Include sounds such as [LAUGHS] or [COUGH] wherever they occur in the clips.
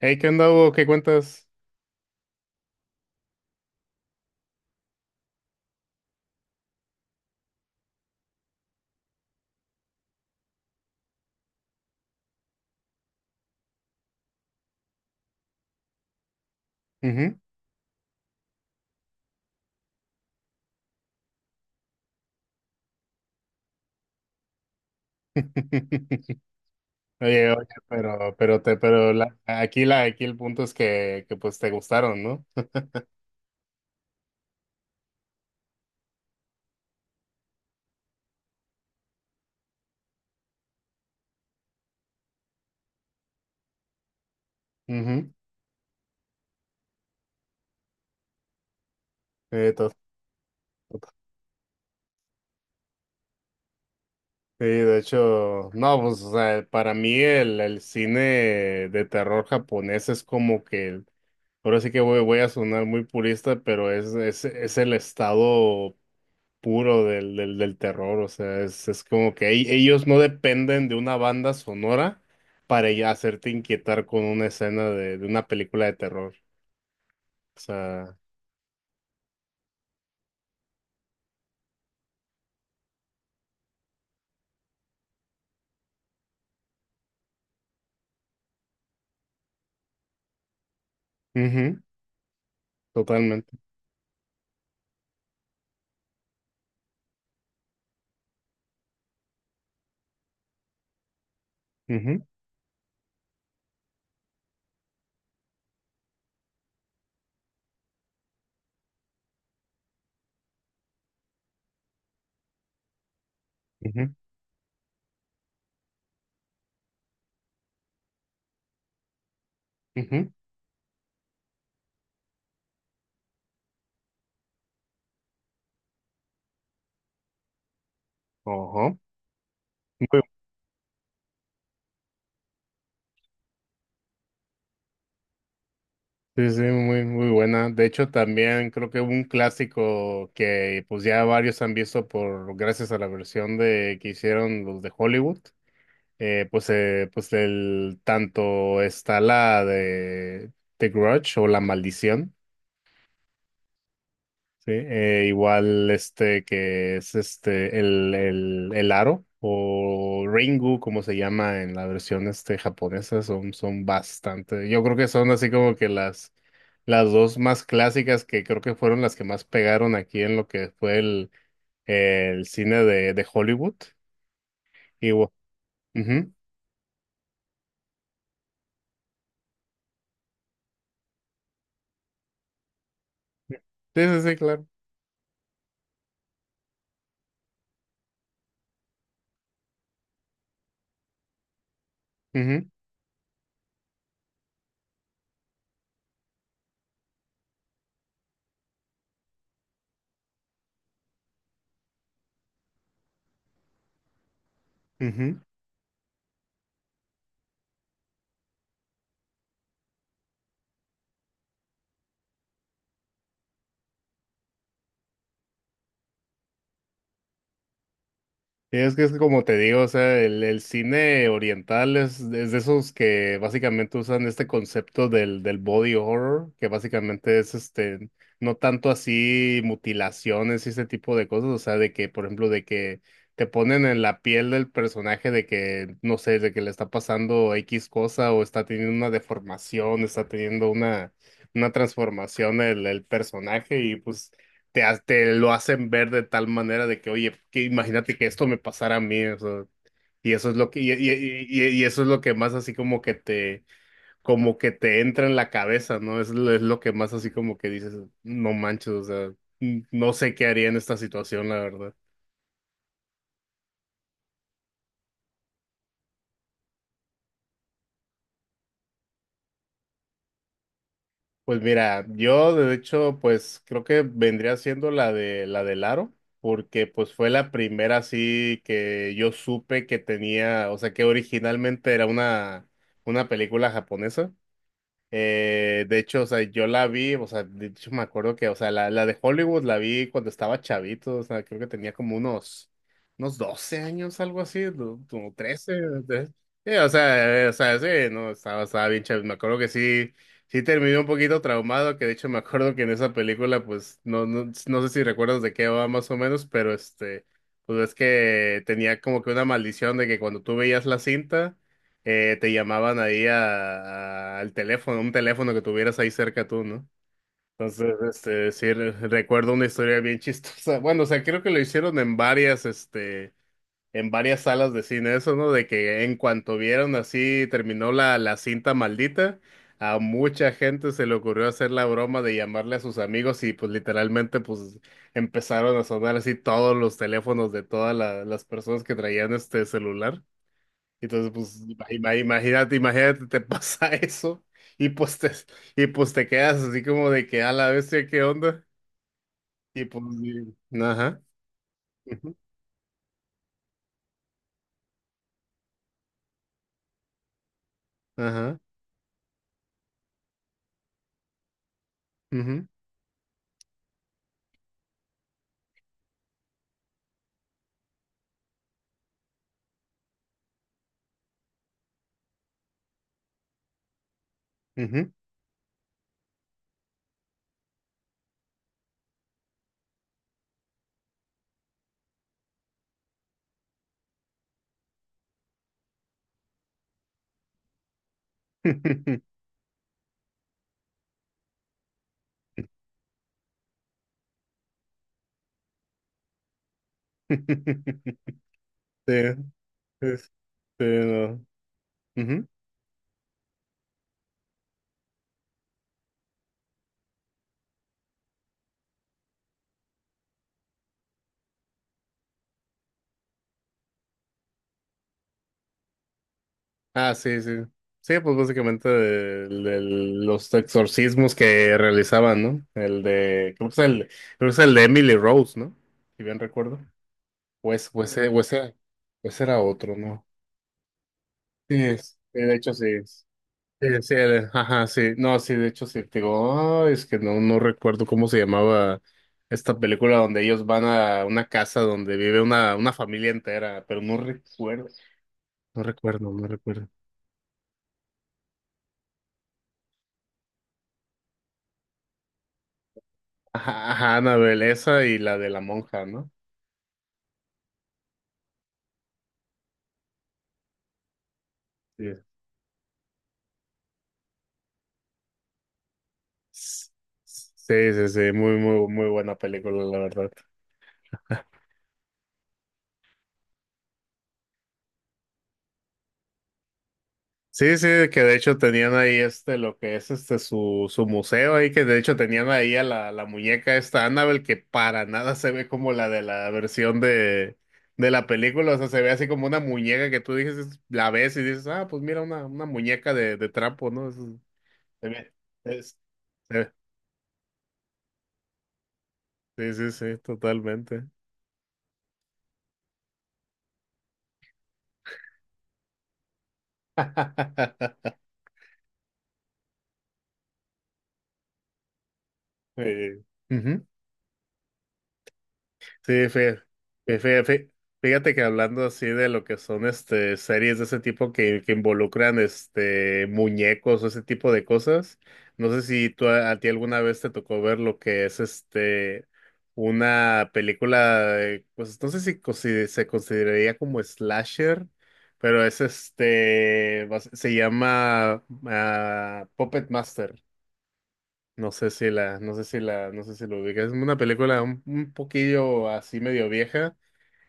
Hey, ¿qué onda, Hugo? ¿Qué cuentas? Ujú. [LAUGHS] Oye, oye, pero te, pero la, aquí el punto es que pues te gustaron, ¿no? Ujú. Eh, to- Sí, de hecho, no, pues, o sea, para mí el cine de terror japonés es como que ahora sí que voy a sonar muy purista, pero es el estado puro del terror, o sea, es como que ellos no dependen de una banda sonora para ya hacerte inquietar con una escena de una película de terror, o sea, ujú, totalmente, ujú, ujú, ujú, ojo. Muy- Sí, sí, muy, muy buena. De hecho, también creo que hubo un clásico que pues ya varios han visto por gracias a la versión de que hicieron los de Hollywood. Pues el tanto está la de The Grudge o La Maldición, ¿sí? Igual este que es este el aro o Ringu, como se llama en la versión este japonesa, son bastante, yo creo que son así como que las dos más clásicas que creo que fueron las que más pegaron aquí en lo que fue el cine de Hollywood. Y, bu- ujú. Sí, sí, sí, claro. Ujú, ujú. Sí, es que es como te digo, o sea, el cine oriental es de esos que básicamente usan este concepto del body horror, que básicamente es este, no tanto así mutilaciones y ese tipo de cosas, o sea, de que, por ejemplo, de que te ponen en la piel del personaje de que, no sé, de que le está pasando X cosa o está teniendo una deformación, está teniendo una transformación el personaje y pues te lo hacen ver de tal manera de que, oye, que imagínate que esto me pasara a mí, o sea, y eso es lo que, eso es lo que más así como que te entra en la cabeza, ¿no? Es lo que más así como que dices, no manches, o sea, no sé qué haría en esta situación, la verdad. Pues mira, yo de hecho, pues creo que vendría siendo la de la del aro, porque pues fue la primera así que yo supe que tenía, o sea, que originalmente era una película japonesa. De hecho, o sea, yo la vi, o sea, de hecho me acuerdo que, o sea, la de Hollywood la vi cuando estaba chavito, o sea, creo que tenía como unos, unos 12 años, algo así, como 13 de- sí, o sea, sí, no, estaba, estaba bien chavito, me acuerdo que sí, sí terminé un poquito traumado, que de hecho me acuerdo que en esa película, pues, no, no, no sé si recuerdas de qué va más o menos, pero este, pues es que tenía como que una maldición de que cuando tú veías la cinta, te llamaban ahí al teléfono, un teléfono que tuvieras ahí cerca tú, ¿no? Entonces, este, sí, recuerdo una historia bien chistosa. Bueno, o sea, creo que lo hicieron en varias, este, en varias salas de cine, eso, ¿no? De que en cuanto vieron así, terminó la cinta maldita, a mucha gente se le ocurrió hacer la broma de llamarle a sus amigos y pues literalmente, pues empezaron a sonar así todos los teléfonos de todas las personas que traían este celular. Entonces, pues, imagínate, imagínate, te [LAUGHS] pasa eso y pues te, y pues te quedas así como de que a la bestia, ¿qué onda? Y pues, y- ajá, ujú, ajá, ujú, ujú. [LAUGHS] Sí, este, no, ujú. Ah, sí, sí. Sí, pues básicamente los exorcismos que realizaban, ¿no? El de, creo que es el, creo que es el de Emily Rose, ¿no? Si bien recuerdo. Pues, pues, eh, pues, era- pues era otro, ¿no? Sí es, sí, de hecho sí es. Sí, sí, ajá, sí. No, sí, de hecho sí. Te digo, "Ay, es que no, no recuerdo cómo se llamaba esta película donde ellos van a una casa donde vive una familia entera, pero no recuerdo. No recuerdo, no recuerdo. Ajá, ajá, Annabelle, esa y la de la monja, ¿no? Sí. Sí, sí, sí, muy, muy, muy buena película, la verdad. Sí, sí, que de hecho tenían ahí este, lo que es este, su museo ahí, que de hecho tenían ahí a la muñeca esta Annabelle, que para nada se ve como la de la versión de la película, o sea, se ve así como una muñeca que tú dices, la ves y dices, ah, pues mira, una muñeca de trapo, ¿no? Eso se ve, es- se ve. Sí, sí, sí, totalmente. [LAUGHS] Sí. Sí, fe- fe- fe- fíjate que hablando así de lo que son este series de ese tipo que involucran este muñecos o ese tipo de cosas, no sé si tú a ti alguna vez te tocó ver lo que es este una película, pues no sé si se consideraría como slasher, pero es este se llama ah, Puppet Master. No sé si la, no sé si la, no sé si lo ubicas. Es una película un poquillo así medio vieja.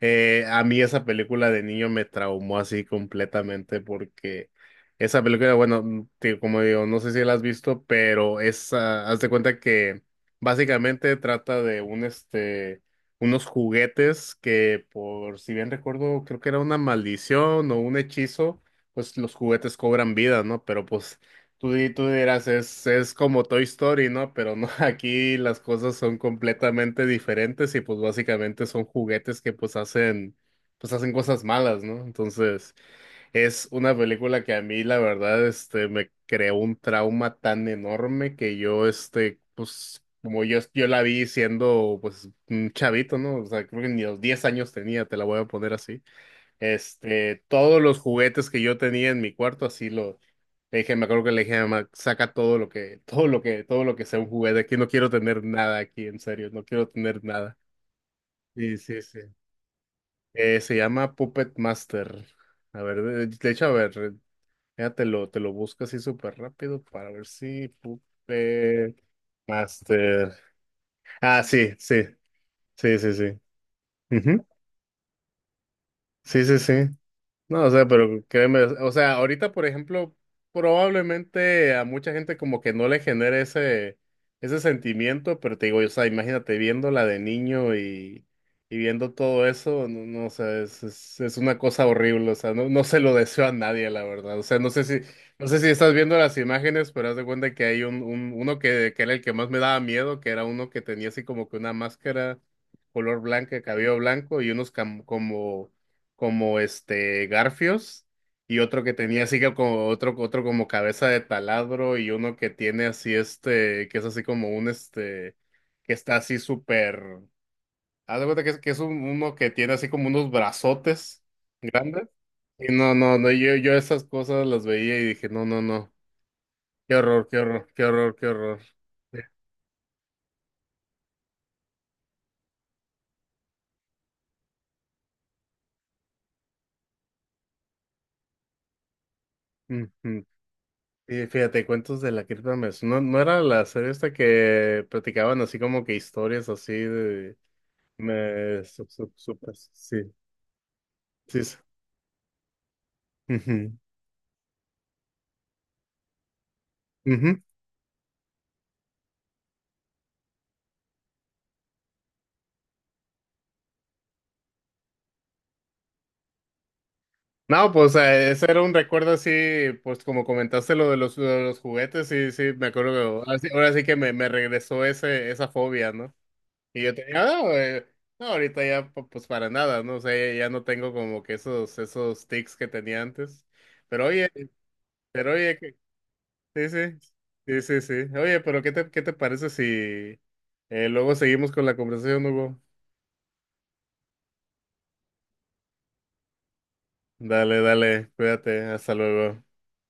A mí esa película de niño me traumó así completamente porque esa película, bueno, mm, como digo, no sé si la has visto, pero es, ah, haz de cuenta que básicamente trata de un, este, unos juguetes que por, si bien recuerdo, creo que era una maldición o un hechizo, pues los juguetes cobran vida, ¿no? Pero pues tú, tú dirás, es como Toy Story, ¿no? Pero no, [LAUGHS] aquí las cosas son completamente diferentes y pues básicamente son juguetes que pues hacen cosas malas, ¿no? Entonces, es una película que a mí la verdad, este, me creó un trauma tan enorme que yo, este, pues como yo la vi siendo pues un chavito, ¿no? O sea, creo que ni los 10 años tenía, te la voy a poner así. Este, todos los juguetes que yo tenía en mi cuarto, así le dije, me acuerdo que le dije a mi mamá, saca todo lo que, todo lo que, todo lo que sea un juguete aquí, no quiero tener nada aquí, en serio, no quiero tener nada. Sí, sí, sí. Se llama Puppet Master. A ver, de hecho, a ver, ya te lo busco así súper rápido para ver si Puppet Master. Ah, sí, sí, sí, sí, sí. Ujú. Sí, sí, sí. No, o sea, pero créeme, o sea, ahorita, por ejemplo, probablemente a mucha gente como que no le genere ese, ese sentimiento, pero te digo, o sea, imagínate viéndola de niño y viendo todo eso, no, no, o sea, es una cosa horrible, o sea, no, no se lo deseo a nadie, la verdad, o sea, no sé si, no sé si estás viendo las imágenes, pero haz de cuenta que hay un uno que era el que más me daba miedo, que era uno que tenía así como que una máscara color blanca, cabello blanco y unos como este garfios y otro que tenía así que como otro como cabeza de taladro y uno que tiene así este que es así como un este que está así súper haz de cuenta que es uno que tiene así como unos brazotes grandes y no no no yo yo esas cosas las veía y dije no no no qué horror qué horror qué horror qué horror. Ujú. Y fíjate, Cuentos de la Cripta me no, no era la serie esta que platicaban así como que historias así de... Me supas, sí, sí. Sí. Ujú, ujú. No, pues ese era un recuerdo así, pues como comentaste lo de los juguetes, sí, sí, me acuerdo que ahora sí que me regresó ese, esa fobia, ¿no? Y yo tenía, no, no, ahorita ya pues para nada, ¿no? O sea, ya, ya no tengo como que esos, esos tics que tenía antes. Pero oye, pero oye, que- sí, sí, sí, sí, sí. Oye, pero qué te parece si luego seguimos con la conversación, Hugo? Dale, dale, cuídate, hasta luego.